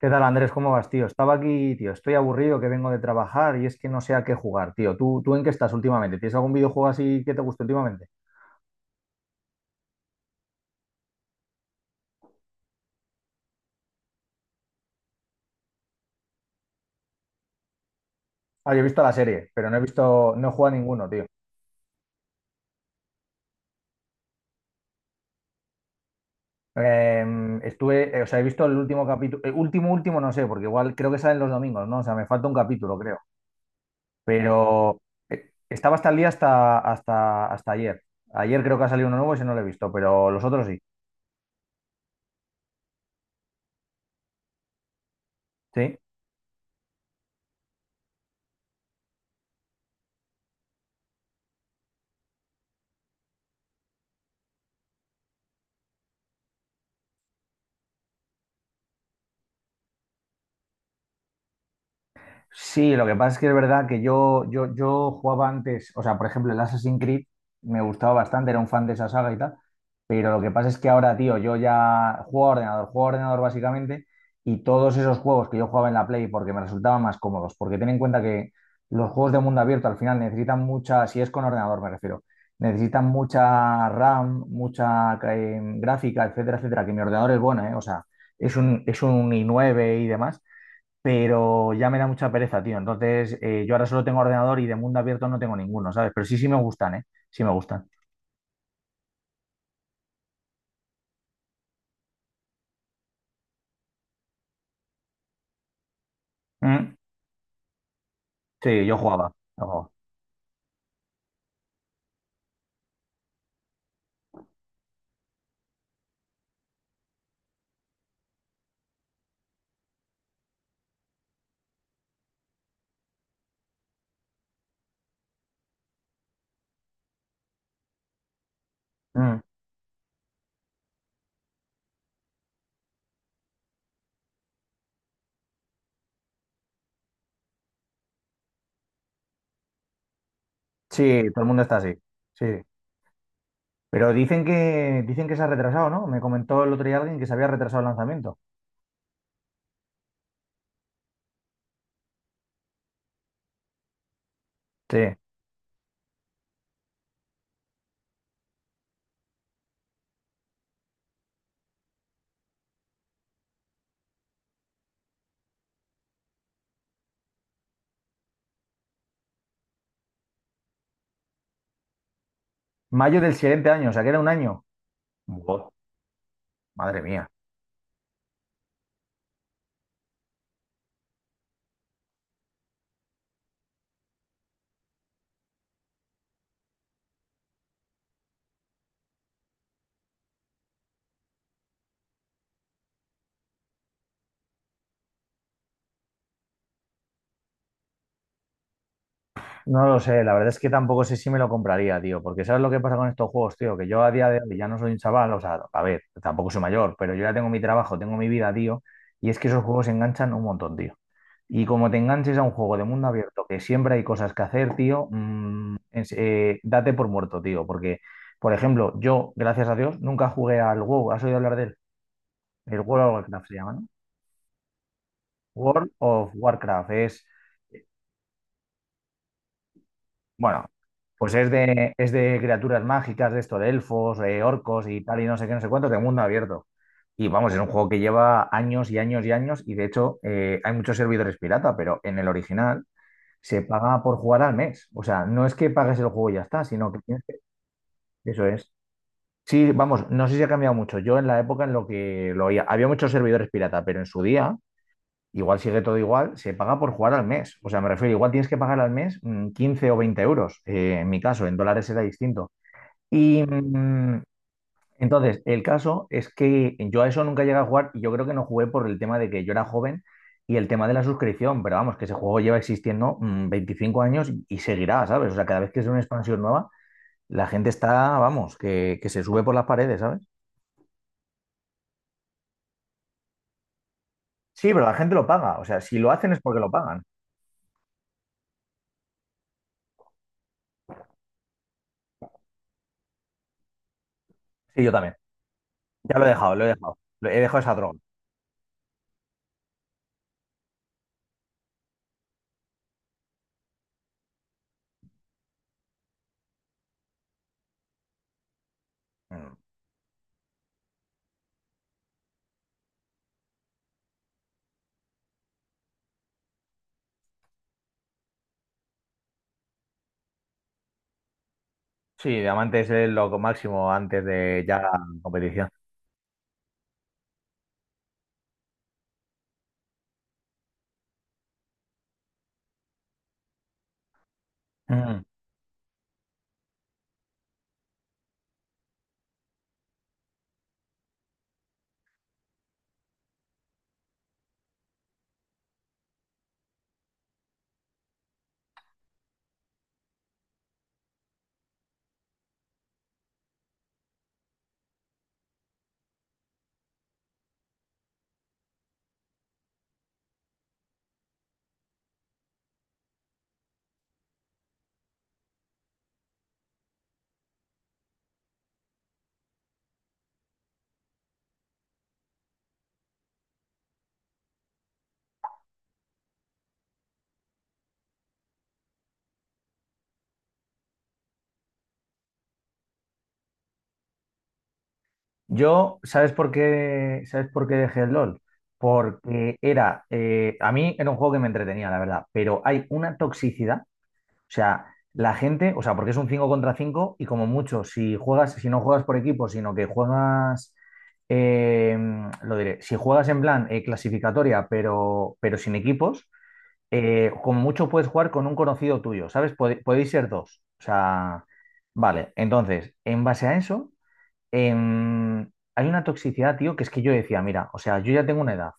¿Qué tal, Andrés? ¿Cómo vas, tío? Estaba aquí, tío. Estoy aburrido que vengo de trabajar y es que no sé a qué jugar, tío. ¿Tú en qué estás últimamente? ¿Tienes algún videojuego así que te guste últimamente? Ah, yo he visto la serie, pero no he jugado a ninguno, tío. Estuve, o sea, he visto el último capítulo, último, último, no sé, porque igual creo que salen los domingos, ¿no? O sea, me falta un capítulo, creo. Pero estaba hasta el día, hasta ayer. Ayer creo que ha salido uno nuevo y ese no lo he visto, pero los otros sí. ¿Sí? Sí, lo que pasa es que es verdad que yo jugaba antes, o sea, por ejemplo, el Assassin's Creed me gustaba bastante, era un fan de esa saga y tal, pero lo que pasa es que ahora, tío, yo ya juego a ordenador básicamente, y todos esos juegos que yo jugaba en la Play porque me resultaban más cómodos, porque ten en cuenta que los juegos de mundo abierto al final necesitan mucha, si es con ordenador me refiero, necesitan mucha RAM, mucha gráfica, etcétera, etcétera, que mi ordenador es bueno, ¿eh? O sea, es un i9 y demás, pero ya me da mucha pereza, tío. Entonces, yo ahora solo tengo ordenador y de mundo abierto no tengo ninguno, ¿sabes? Pero sí, sí me gustan, ¿eh? Sí me gustan. Mm. Sí, yo jugaba, yo jugaba. Mm. Sí, todo el mundo está así. Sí. Pero dicen que se ha retrasado, ¿no? Me comentó el otro día alguien que se había retrasado el lanzamiento. Sí. Mayo del siguiente año, o sea, que era un año. Buah, madre mía. No lo sé, la verdad es que tampoco sé si me lo compraría, tío, porque ¿sabes lo que pasa con estos juegos, tío? Que yo a día de hoy ya no soy un chaval, o sea, a ver, tampoco soy mayor, pero yo ya tengo mi trabajo, tengo mi vida, tío, y es que esos juegos enganchan un montón, tío. Y como te enganches a un juego de mundo abierto, que siempre hay cosas que hacer, tío, date por muerto, tío, porque, por ejemplo, yo, gracias a Dios, nunca jugué al WoW. ¿Has oído hablar de él? El World of Warcraft se llama, ¿no? World of Warcraft, es bueno, pues es de criaturas mágicas, de esto, de elfos, orcos y tal, y no sé qué, no sé cuánto, de mundo abierto. Y vamos, es un juego que lleva años y años y años, y de hecho hay muchos servidores pirata, pero en el original se paga por jugar al mes. O sea, no es que pagues el juego y ya está, sino que tienes que... Eso es. Sí, vamos, no sé si ha cambiado mucho. Yo en la época en lo que lo oía, había muchos servidores pirata, pero en su día, igual sigue todo igual, se paga por jugar al mes. O sea, me refiero, igual tienes que pagar al mes 15 o 20 euros. En mi caso, en dólares era distinto. Y entonces, el caso es que yo a eso nunca llegué a jugar y yo creo que no jugué por el tema de que yo era joven y el tema de la suscripción. Pero vamos, que ese juego lleva existiendo 25 años y seguirá, ¿sabes? O sea, cada vez que es una expansión nueva, la gente está, vamos, que se sube por las paredes, ¿sabes? Sí, pero la gente lo paga. O sea, si lo hacen es porque lo pagan. Sí, yo también. Ya lo he dejado, lo he dejado. He dejado esa droga. Mm. Sí, diamante es lo máximo antes de ya la competición. Mm. Yo, ¿sabes por qué? ¿Sabes por qué dejé el LOL? Porque era, a mí era un juego que me entretenía, la verdad, pero hay una toxicidad, o sea, la gente, o sea, porque es un 5 contra 5 y como mucho, si juegas, si no juegas por equipo, sino que juegas, eh, lo diré, si juegas en plan clasificatoria, pero sin equipos, como mucho puedes jugar con un conocido tuyo, ¿sabes? Podéis ser dos. O sea, vale. Entonces, en base a eso, em, hay una toxicidad, tío, que es que yo decía, mira, o sea, yo ya tengo una edad.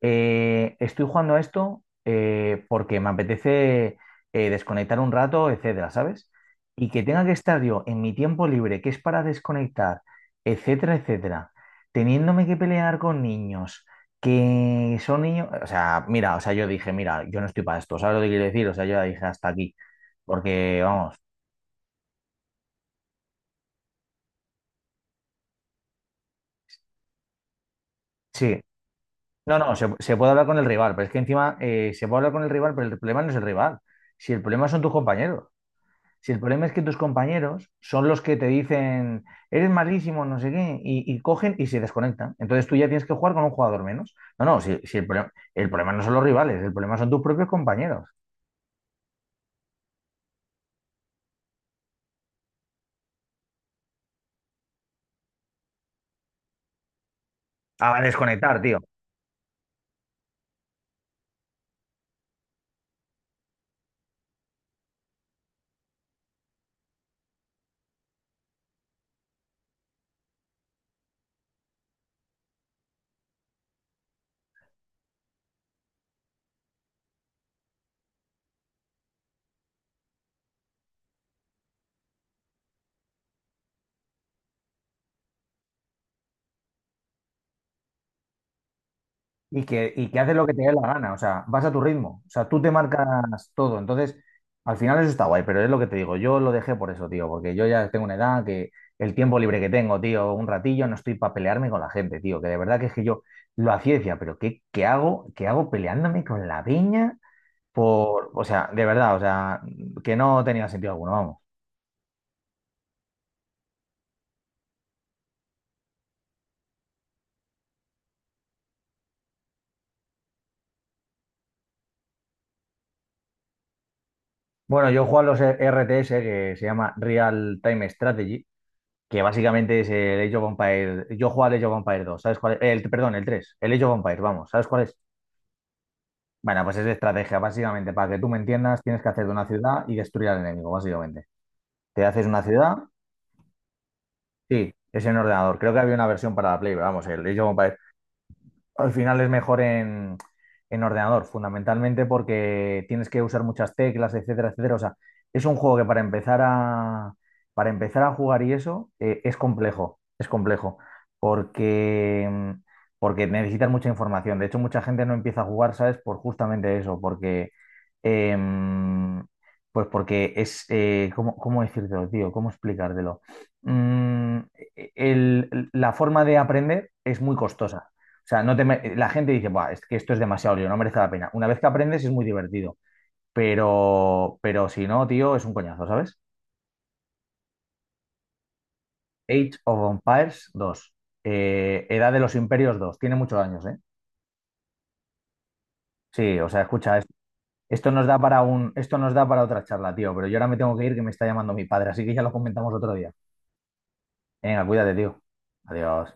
Estoy jugando a esto porque me apetece desconectar un rato, etcétera, ¿sabes? Y que tenga que estar yo en mi tiempo libre, que es para desconectar, etcétera, etcétera, teniéndome que pelear con niños que son niños, o sea, mira, o sea, yo dije, mira, yo no estoy para esto, ¿sabes lo que quiero decir? O sea, yo ya dije hasta aquí, porque vamos, sí, no, no, se puede hablar con el rival, pero es que encima se puede hablar con el rival, pero el problema no es el rival, si el problema son tus compañeros. Si el problema es que tus compañeros son los que te dicen, eres malísimo, no sé qué, y cogen y se desconectan. Entonces tú ya tienes que jugar con un jugador menos. No, no, si el problema no son los rivales, el problema son tus propios compañeros. A desconectar, tío. Y que haces lo que te dé la gana, o sea, vas a tu ritmo, o sea, tú te marcas todo, entonces, al final eso está guay, pero es lo que te digo, yo lo dejé por eso, tío, porque yo ya tengo una edad que el tiempo libre que tengo, tío, un ratillo, no estoy para pelearme con la gente, tío, que de verdad que es que yo lo hacía y decía, pero ¿qué hago? ¿Qué hago peleándome con la peña? O sea, de verdad, o sea, que no tenía sentido alguno, vamos. Bueno, yo juego a los RTS, que se llama Real Time Strategy, que básicamente es el Age of Empires. Yo juego al Age of Empires 2, ¿sabes cuál es? El, perdón, el 3, el Age of Empires, vamos, ¿sabes cuál es? Bueno, pues es de estrategia, básicamente, para que tú me entiendas, tienes que hacer de una ciudad y destruir al enemigo, básicamente. Te haces una ciudad, sí, es en ordenador. Creo que había una versión para la Play, pero vamos, el Age of Empires al final es mejor en, ordenador, fundamentalmente porque tienes que usar muchas teclas, etcétera, etcétera. O sea, es un juego que para empezar a jugar y eso es complejo, porque, porque necesitas mucha información. De hecho, mucha gente no empieza a jugar, ¿sabes? Por justamente eso, porque, em, pues porque es, ¿cómo decírtelo, tío? ¿Cómo explicártelo? Mm, la forma de aprender es muy costosa. O sea, no te me- la gente dice, buah, es que esto es demasiado lío, no merece la pena. Una vez que aprendes es muy divertido, pero si no, tío, es un coñazo, ¿sabes? Age of Empires 2, Edad de los Imperios 2, tiene muchos años, ¿eh? Sí, o sea, escucha, esto nos da para otra charla, tío, pero yo ahora me tengo que ir que me está llamando mi padre, así que ya lo comentamos otro día. Venga, cuídate, tío. Adiós.